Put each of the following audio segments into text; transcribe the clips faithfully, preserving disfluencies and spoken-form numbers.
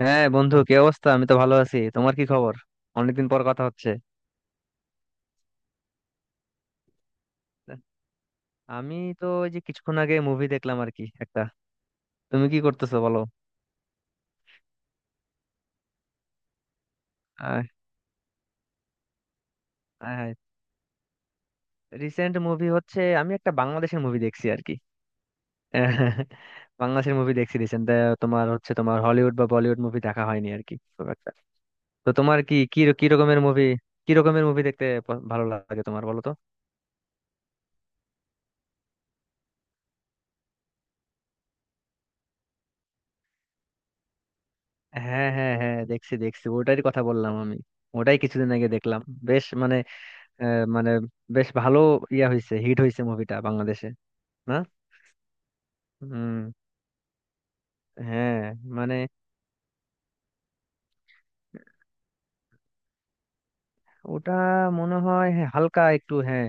হ্যাঁ বন্ধু, কি অবস্থা? আমি তো ভালো আছি। তোমার কি খবর? অনেকদিন পর কথা হচ্ছে। আমি তো ওই যে কিছুক্ষণ আগে মুভি দেখলাম আর কি একটা। তুমি কি করতেছো বলো। আহ, আহ, রিসেন্ট মুভি হচ্ছে, আমি একটা বাংলাদেশের মুভি দেখছি আর কি। আহ, বাংলাদেশের মুভি দেখছি রিসেন্ট। তোমার হচ্ছে তোমার হলিউড বা বলিউড মুভি দেখা হয়নি আর কি খুব একটা। তো তোমার কি কি কি রকমের মুভি কি রকমের মুভি দেখতে প- ভালো লাগে তোমার? বলো তো। হ্যাঁ, হ্যাঁ, হ্যাঁ, দেখছি, দেখছি, ওটারই কথা বললাম আমি। ওটাই কিছুদিন আগে দেখলাম। বেশ, মানে, আহ, মানে বেশ ভালো। ইয়া, হয়েছে, হিট হয়েছে মুভিটা বাংলাদেশে। না। হুম। হ্যাঁ, মানে ওটা মনে হয়, হ্যাঁ, হালকা একটু, হ্যাঁ,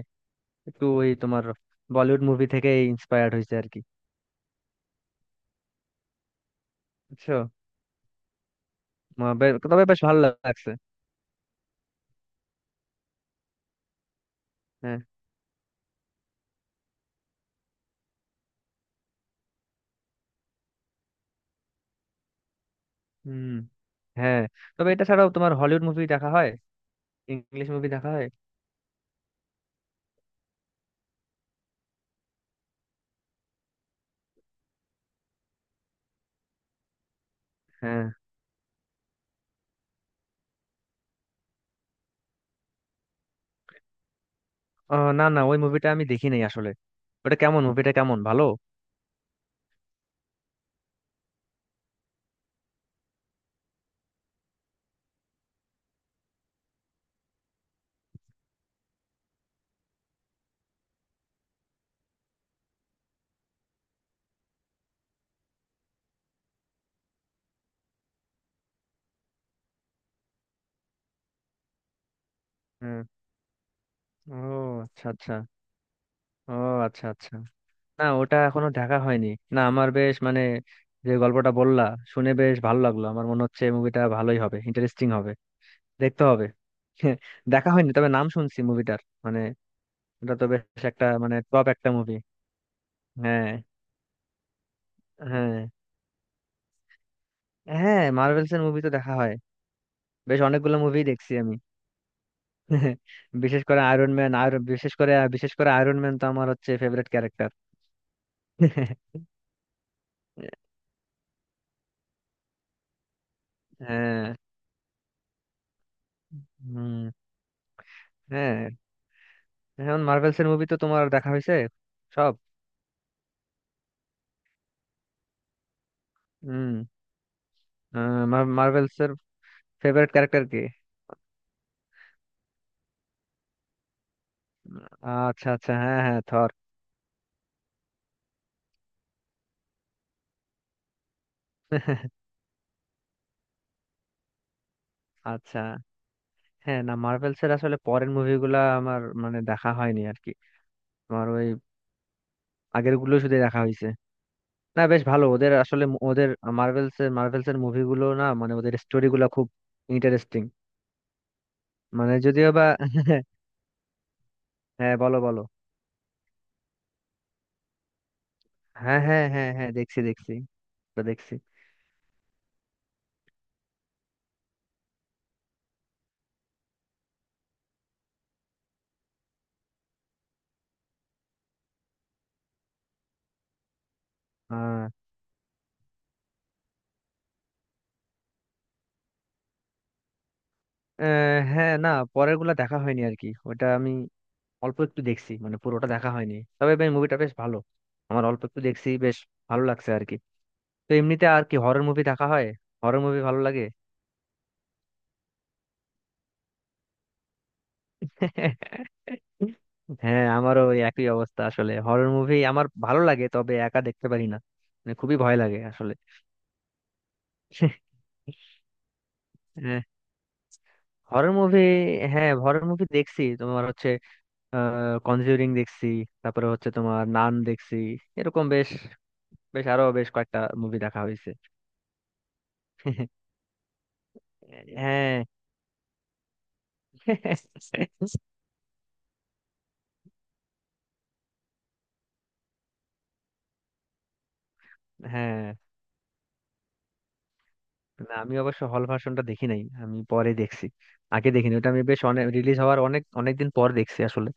একটু ওই তোমার বলিউড মুভি থেকে ইন্সপায়ার্ড হয়েছে আর কি। বুঝছো? মা- বে- তবে বেশ ভালো লাগছে। হ্যাঁ। হুম। হ্যাঁ, তবে এটা ছাড়াও তোমার হলিউড মুভি দেখা হয়? ইংলিশ মুভি দেখা হয়? হ্যাঁ। ও, না না, ওই মুভিটা আমি দেখি নাই আসলে। ওটা কেমন? মুভিটা কেমন? ভালো? হ্যাঁ। ও, আচ্ছা, আচ্ছা। ও, আচ্ছা, আচ্ছা। না, ওটা এখনো দেখা হয়নি। না, আমার বেশ মানে, যে গল্পটা বললা শুনে বেশ ভালো লাগলো, আমার মনে হচ্ছে মুভিটা ভালোই হবে, ইন্টারেস্টিং হবে। দেখতে হবে। দেখা হয়নি তবে নাম শুনছি মুভিটার। মানে ওটা তো বেশ একটা, মানে টপ একটা মুভি। হ্যাঁ। হ্যাঁ, হ্যাঁ, মার্ভেলস এর মুভি তো দেখা হয়। বেশ অনেকগুলো মুভি দেখছি আমি। বিশেষ করে আয়রন ম্যান, আর বিশেষ করে বিশেষ করে আয়রন ম্যান তো আমার হচ্ছে ফেভারিট ক্যারেক্টার। হ্যাঁ। হুম। হ্যাঁ, এখন মার্ভেলস এর মুভি তো তোমার দেখা হয়েছে সব? হুম। মার্ভেলস এর ফেভারিট ক্যারেক্টার কি? আচ্ছা, আচ্ছা, হ্যাঁ, হ্যাঁ, থর। আচ্ছা। হ্যাঁ, না, মার্ভেলস এর আসলে পরের মুভিগুলা আমার মানে দেখা হয়নি আর কি। আমার ওই আগের গুলো শুধু দেখা হয়েছে। না, বেশ ভালো ওদের আসলে মু- ওদের মার্ভেলস এর মার্ভেলস এর মুভিগুলো, না মানে ওদের স্টোরি গুলা খুব ইন্টারেস্টিং। মানে যদিও বা, হ্যাঁ, বলো, বলো। হ্যাঁ, হ্যাঁ, হ্যাঁ, হ্যাঁ, দেখছি, দেখছি। ওটা দেখছি। আহ আহ, হ্যাঁ, না, পরের গুলা দেখা হয়নি আর কি। ওটা আমি অল্প একটু দেখছি, মানে পুরোটা দেখা হয়নি, তবে ভাই মুভিটা বেশ ভালো। আমার অল্প একটু দেখছি, বেশ ভালো লাগছে আর কি। তো এমনিতে আর কি, হরর মুভি দেখা হয়? হরর মুভি ভালো লাগে? হ্যাঁ, আমারও ওই একই অবস্থা আসলে। হরর মুভি আমার ভালো লাগে, তবে একা দেখতে পারি না, মানে খুবই ভয় লাগে আসলে। হরর মুভি, হ্যাঁ হরর মুভি দেখছি। তোমার হচ্ছে আহ কনজিউরিং দেখছি, তারপরে হচ্ছে তোমার নান দেখছি, এরকম বেশ বেশ আরো বেশ কয়েকটা মুভি দেখা হয়েছে। হ্যাঁ, হ্যাঁ, না আমি অবশ্য হল ভার্সনটা দেখি নাই, আমি পরে দেখছি। আগে দেখিনি ওটা আমি, বেশ অনেক রিলিজ হওয়ার অনেক অনেক দিন পর দেখছি আসলে।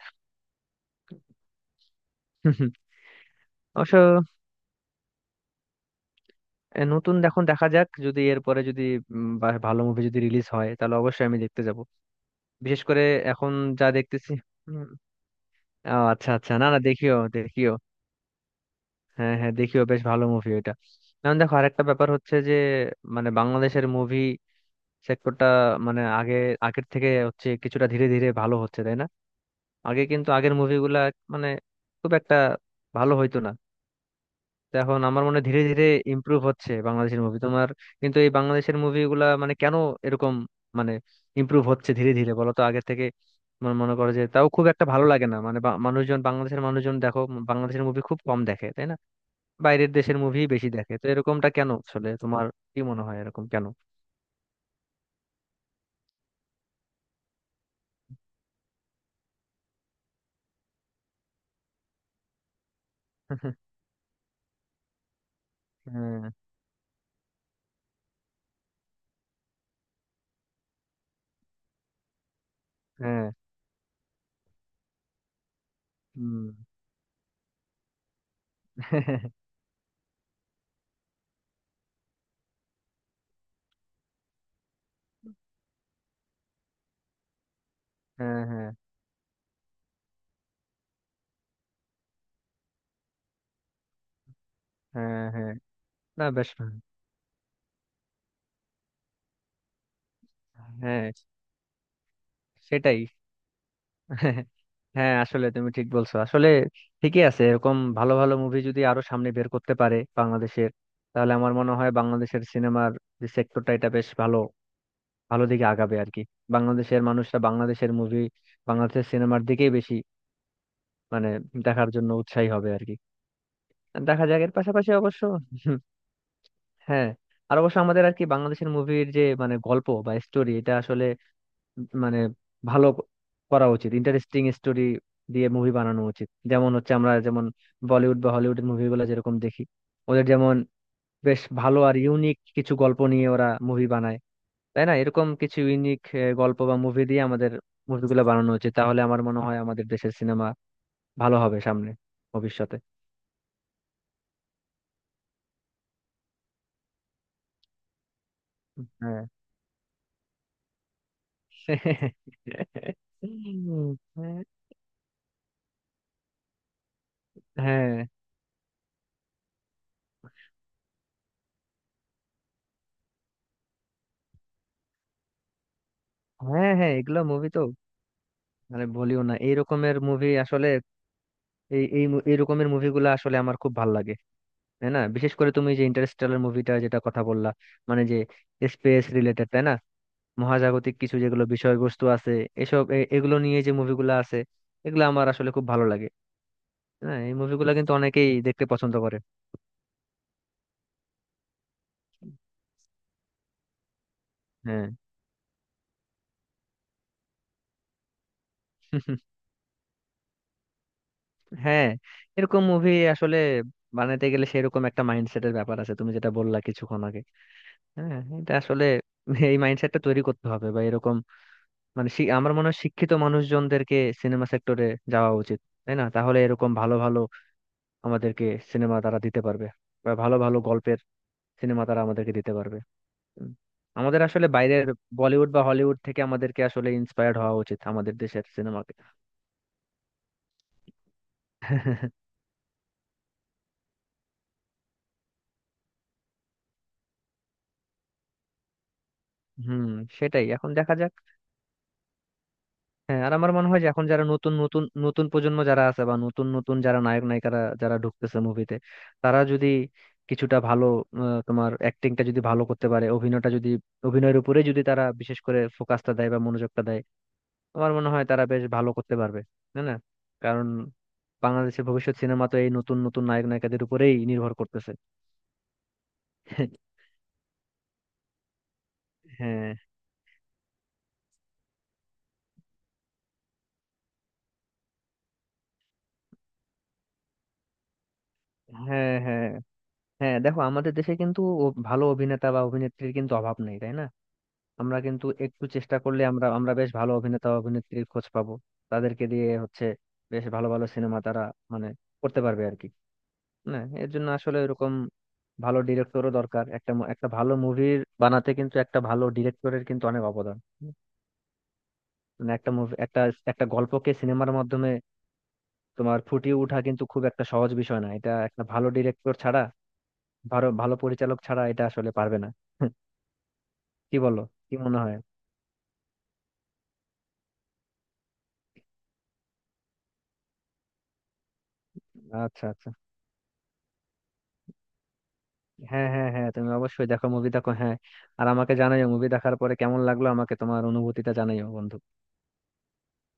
অবশ্য। এ, নতুন এখন দেখা যাক, যদি এরপরে যদি উম, বা ভালো মুভি যদি রিলিজ হয় তাহলে অবশ্যই আমি দেখতে যাব। বিশেষ করে এখন যা দেখতেছি। উম, ও, আচ্ছা, আচ্ছা, না না, দেখিও, দেখিও। হ্যাঁ, হ্যাঁ, দেখিও, বেশ ভালো মুভি ওইটা। এখন দেখো, আরেকটা ব্যাপার হচ্ছে যে, মানে বাংলাদেশের মুভি সেক্টরটা, মানে আগে, আগের থেকে হচ্ছে কিছুটা ধীরে ধীরে ভালো হচ্ছে তাই না? আগে কিন্তু আগের মুভিগুলা মানে খুব একটা ভালো হইতো না। তো এখন আমার মনে হয় ধীরে ধীরে ইমপ্রুভ হচ্ছে বাংলাদেশের মুভি, তোমার। কিন্তু এই বাংলাদেশের মুভিগুলা মানে কেন এরকম, মানে ইমপ্রুভ হচ্ছে ধীরে ধীরে বলো তো আগের থেকে? মনে মনে করো যে তাও খুব একটা ভালো লাগে না, মানে বা- মানুষজন, বাংলাদেশের মানুষজন দেখো, উম, বাংলাদেশের মুভি খুব কম দেখে তাই না। বাইরের দেশের মুভি বেশি দেখে, তো এরকমটা কেন আসলে? তোমার কি মনে হয় এরকম কেন? হ্যাঁ, হ্যাঁ। হুম। হ্যাঁ, হ্যাঁ, হ্যাঁ, হ্যাঁ। না, বেশ ভালো। হ্যাঁ, সেটাই। হ্যাঁ আসলে তুমি ঠিক বলছো আসলে। ঠিকই আছে, এরকম ভালো ভালো মুভি যদি আরো সামনে বের করতে পারে বাংলাদেশের, তাহলে আমার মনে হয় বাংলাদেশের সিনেমার যে সেক্টরটা, এটা বেশ ভালো, ভালো দিকে আগাবে আর কি। বাংলাদেশের মানুষরা বাংলাদেশের মুভি, বাংলাদেশের সিনেমার দিকেই বেশি মানে দেখার জন্য উৎসাহী হবে আর কি। দেখা যাক, এর পাশাপাশি অবশ্য। হ্যাঁ, আর অবশ্য আমাদের আর কি বাংলাদেশের মুভির যে মানে গল্প বা স্টোরি, এটা আসলে মানে ভালো করা উচিত। ইন্টারেস্টিং স্টোরি দিয়ে মুভি বানানো উচিত, যেমন হচ্ছে আমরা যেমন বলিউড বা হলিউডের মুভিগুলো যেরকম দেখি, ওদের যেমন বেশ ভালো আর ইউনিক কিছু গল্প নিয়ে ওরা মুভি বানায় তাই না, এরকম কিছু ইউনিক গল্প বা মুভি দিয়ে আমাদের মুভিগুলো বানানো উচিত। তাহলে আমার মনে হয় আমাদের দেশের সিনেমা ভালো হবে সামনে, ভবিষ্যতে। হ্যাঁ। হ্যাঁ, হ্যাঁ, হ্যাঁ। হ্যাঁ, এগুলো মুভি তো, মানে বলিও না, এই রকমের মুভি আসলে। এই এই মু- এই রকমের মুভিগুলো আসলে আমার খুব ভালো লাগে। তাই না? বিশেষ করে তুমি যে ইন্টারস্টেলার মুভিটা যেটা কথা বললা, মানে যে স্পেস রিলেটেড তাই না? মহাজাগতিক কিছু যেগুলো বিষয়বস্তু আছে, এসব এ- এগুলো নিয়ে যে মুভিগুলো আছে, এগুলো আমার আসলে খুব ভালো লাগে। হ্যাঁ, এই মুভিগুলো কিন্তু অনেকেই দেখতে পছন্দ করে। হ্যাঁ। হ্যাঁ, এরকম মুভি আসলে বানাতে গেলে সেরকম একটা মাইন্ডসেটের ব্যাপার আছে, তুমি যেটা বললা কিছুক্ষণ আগে। হ্যাঁ, এটা আসলে এই মাইন্ডসেটটা তৈরি করতে হবে বা এরকম, মানে শি- আমার মনে হয় শিক্ষিত মানুষজনদেরকে সিনেমা সেক্টরে যাওয়া উচিত। তাই না? তাহলে এরকম ভালো ভালো আমাদেরকে সিনেমা তারা দিতে পারবে, বা ভালো ভালো গল্পের সিনেমা তারা আমাদেরকে দিতে পারবে। উম, আমাদের আসলে বাইরের বলিউড বা হলিউড থেকে আমাদেরকে আসলে ইন্সপায়ার্ড হওয়া উচিত, আমাদের দেশের সিনেমাকে। হুম, সেটাই এখন দেখা যাক। হ্যাঁ, আর আমার মনে হয় যে এখন যারা নতুন নতুন নতুন প্রজন্ম যারা আছে, বা নতুন নতুন যারা নায়ক নায়িকারা যারা ঢুকতেছে মুভিতে, তারা যদি কিছুটা ভালো আহ, তোমার অ্যাক্টিংটা যদি ভালো করতে পারে, অভিনয়টা যদি, অভিনয়ের উপরে যদি তারা বিশেষ করে ফোকাসটা দেয় বা মনোযোগটা দেয়, আমার মনে হয় তারা বেশ ভালো করতে পারবে, তাই না? কারণ বাংলাদেশের ভবিষ্যৎ সিনেমা তো এই নতুন নতুন নায়ক নায়িকাদের উপরেই নির্ভর করতেছে। হ্যাঁ, হ্যাঁ। হ্যাঁ, হ্যাঁ, দেখো আমাদের দেশে কিন্তু ও- ভালো অভিনেতা বা অভিনেত্রীর কিন্তু অভাব নেই, তাই না? আমরা কিন্তু একটু চেষ্টা করলে আমরা আমরা বেশ ভালো অভিনেতা অভিনেত্রীর খোঁজ পাবো। তাদেরকে দিয়ে হচ্ছে বেশ ভালো ভালো সিনেমা তারা, মানে করতে পারবে আর কি। না, এর জন্য আসলে এরকম ভালো ডিরেক্টরও দরকার। একটা মু- একটা ভালো মুভির বানাতে কিন্তু একটা ভালো ডিরেক্টরের কিন্তু অনেক অবদান। মানে একটা মুভি, একটা একটা গল্পকে সিনেমার মাধ্যমে তোমার ফুটিয়ে ওঠা কিন্তু খুব একটা সহজ বিষয় না, এটা একটা ভালো ডিরেক্টর ছাড়া, ভালো ভালো পরিচালক ছাড়া এটা আসলে পারবে না। কি বলো? কি মনে হয়? আচ্ছা, আচ্ছা, হ্যাঁ, হ্যাঁ, হ্যাঁ, তুমি অবশ্যই দেখো, মুভি দেখো, হ্যাঁ। আর আমাকে জানাইও মুভি দেখার পরে কেমন লাগলো, আমাকে তোমার অনুভূতিটা জানাইও বন্ধু।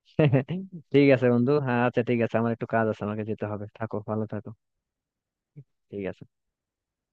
ঠিক আছে বন্ধু, হ্যাঁ, আচ্ছা, ঠিক আছে। আমার একটু কাজ আছে, আমাকে যেতে হবে, থাকো, ভালো থাকো। ঠিক আছে।